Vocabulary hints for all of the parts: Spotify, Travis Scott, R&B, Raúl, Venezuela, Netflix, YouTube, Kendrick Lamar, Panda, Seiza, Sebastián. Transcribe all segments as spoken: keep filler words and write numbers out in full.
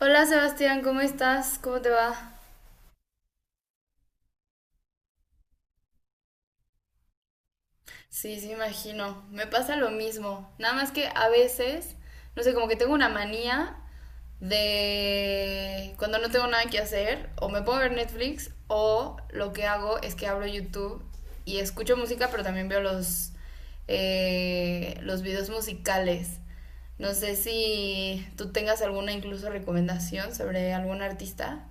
Hola Sebastián, ¿cómo estás? ¿Cómo te va? Sí, sí, me imagino. Me pasa lo mismo. Nada más que a veces, no sé, como que tengo una manía de cuando no tengo nada que hacer, o me pongo a ver Netflix, o lo que hago es que abro YouTube y escucho música, pero también veo los, eh, los videos musicales. No sé si tú tengas alguna incluso recomendación sobre algún artista.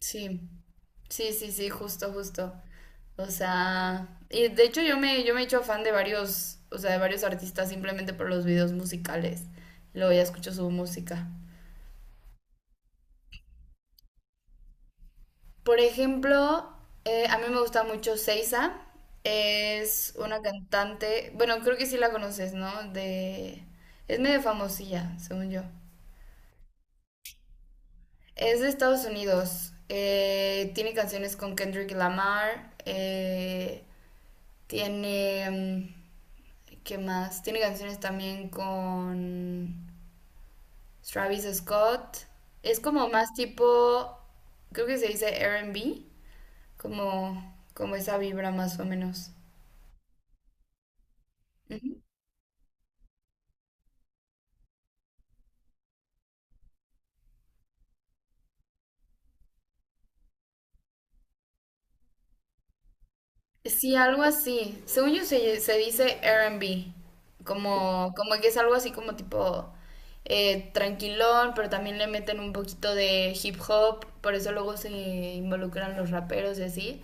Sí. Sí, sí, sí, justo, justo. O sea, y de hecho yo me, yo me he hecho fan de varios, o sea, de varios artistas simplemente por los videos musicales. Luego ya escucho su música. Por ejemplo, eh, a mí me gusta mucho Seiza. Es una cantante, bueno, creo que sí la conoces, ¿no? De, es medio famosilla, según yo. Es de Estados Unidos. Eh, tiene canciones con Kendrick Lamar. eh, tiene... mm, ¿Qué más? Tiene canciones también con Travis Scott. Es como más tipo, creo que se dice R B, como, como esa vibra más o menos. Ujú. Sí, algo así. Según yo se, se dice R B, como, como que es algo así como tipo eh, tranquilón, pero también le meten un poquito de hip hop, por eso luego se involucran los raperos y así.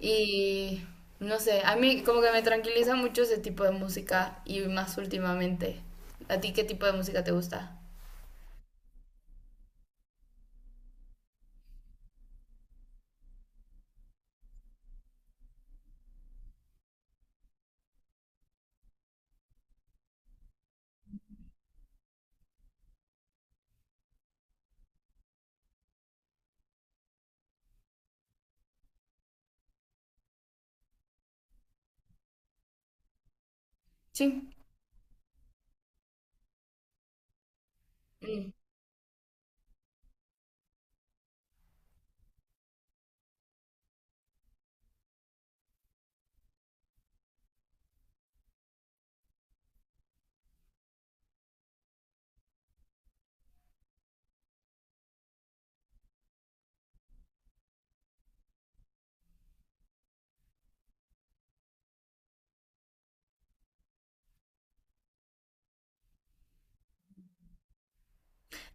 Y no sé, a mí como que me tranquiliza mucho ese tipo de música y más últimamente. ¿A ti qué tipo de música te gusta? Sí. Mm.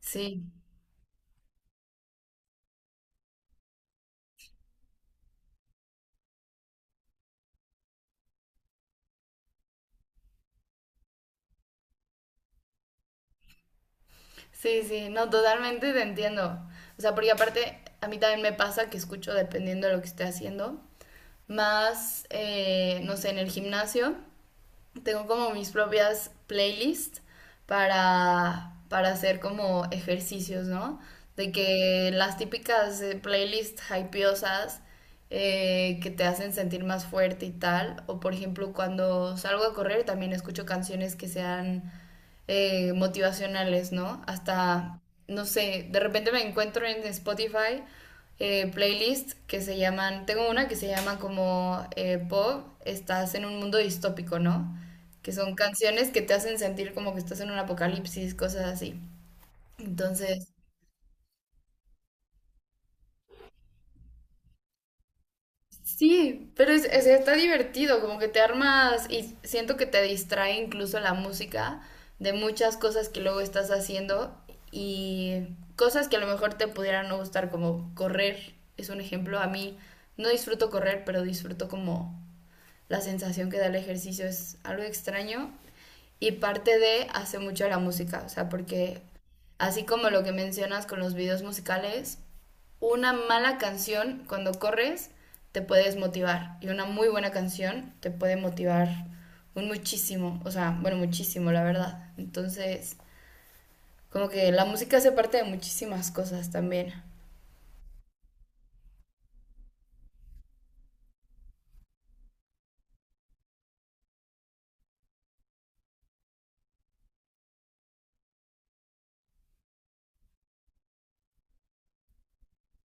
Sí, sí, sí, no, totalmente te entiendo. O sea, porque aparte a mí también me pasa que escucho dependiendo de lo que esté haciendo, más, eh, no sé, en el gimnasio. Tengo como mis propias playlists para, para hacer como ejercicios, ¿no? De que las típicas eh, playlists hypeosas eh, que te hacen sentir más fuerte y tal, o por ejemplo cuando salgo a correr también escucho canciones que sean eh, motivacionales, ¿no? Hasta, no sé, de repente me encuentro en Spotify eh, playlists que se llaman, tengo una que se llama como eh, Bob, estás en un mundo distópico, ¿no? Que son canciones que te hacen sentir como que estás en un apocalipsis, cosas así. Entonces, sí, pero es- es- está divertido, como que te armas y siento que te distrae incluso la música de muchas cosas que luego estás haciendo y cosas que a lo mejor te pudieran no gustar, como correr, es un ejemplo. A mí no disfruto correr, pero disfruto como la sensación que da el ejercicio es algo extraño y parte de hace mucho la música, o sea, porque así como lo que mencionas con los videos musicales, una mala canción cuando corres te puede desmotivar y una muy buena canción te puede motivar un muchísimo, o sea, bueno, muchísimo, la verdad. Entonces, como que la música hace parte de muchísimas cosas también.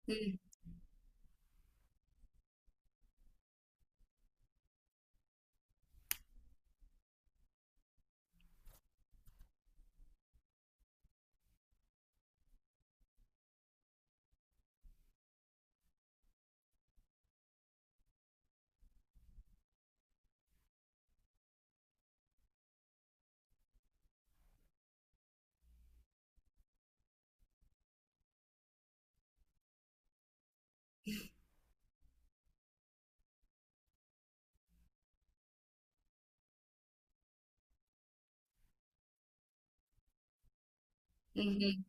Mm, ujú.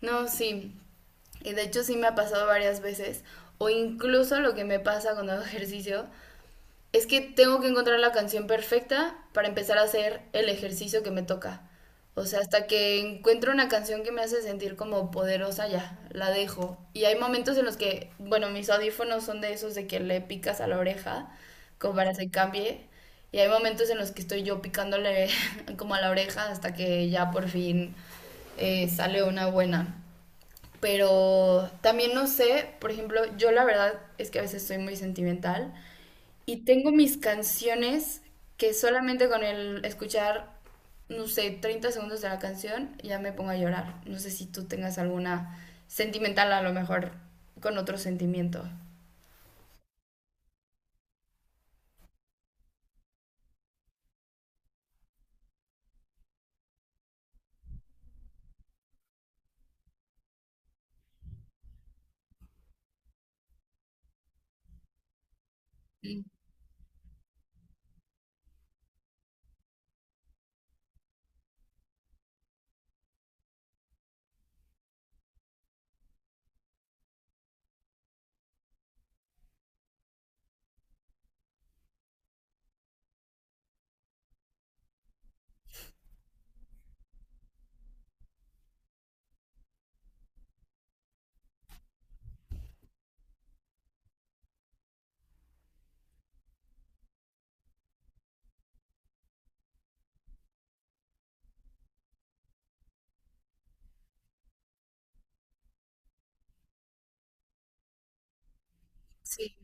No, sí. Y de hecho sí me ha pasado varias veces. O incluso lo que me pasa cuando hago ejercicio es que tengo que encontrar la canción perfecta para empezar a hacer el ejercicio que me toca. O sea, hasta que encuentro una canción que me hace sentir como poderosa, ya, la dejo. Y hay momentos en los que, bueno, mis audífonos son de esos de que le picas a la oreja, como para que se cambie. Y hay momentos en los que estoy yo picándole como a la oreja hasta que ya por fin eh, sale una buena. Pero también no sé, por ejemplo, yo la verdad es que a veces soy muy sentimental y tengo mis canciones que solamente con el escuchar, no sé, treinta segundos de la canción ya me pongo a llorar. No sé si tú tengas alguna sentimental a lo mejor con otro sentimiento. Mm. Sí.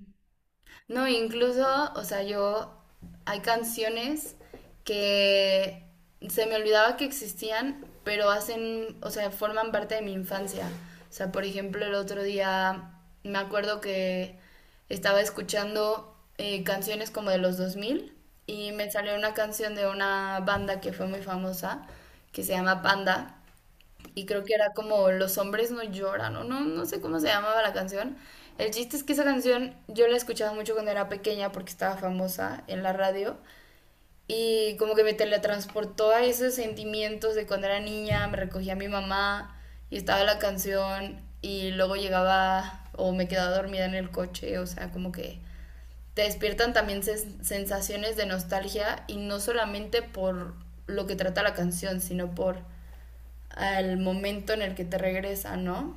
No, incluso, o sea, yo hay canciones que se me olvidaba que existían, pero hacen, o sea, forman parte de mi infancia. O sea, por ejemplo, el otro día me acuerdo que estaba escuchando eh, canciones como de los dos mil y me salió una canción de una banda que fue muy famosa, que se llama Panda. Y creo que era como Los hombres no lloran, o no, no sé cómo se llamaba la canción. El chiste es que esa canción yo la escuchaba mucho cuando era pequeña porque estaba famosa en la radio. Y como que me teletransportó a esos sentimientos de cuando era niña, me recogía mi mamá y estaba la canción y luego llegaba o me quedaba dormida en el coche, o sea, como que te despiertan también ses- sensaciones de nostalgia y no solamente por lo que trata la canción, sino por al momento en el que te regresa, ¿no?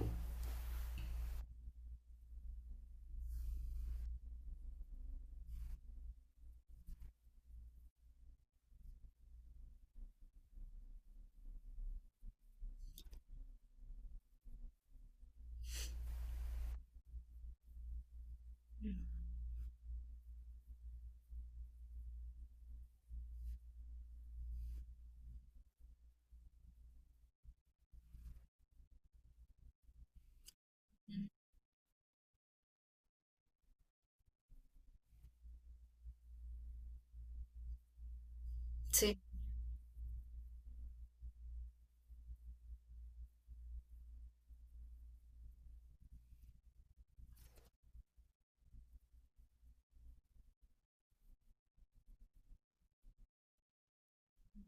Sí,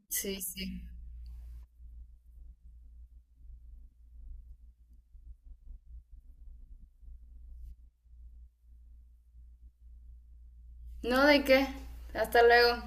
sí, sí. No, ¿de qué? Hasta luego.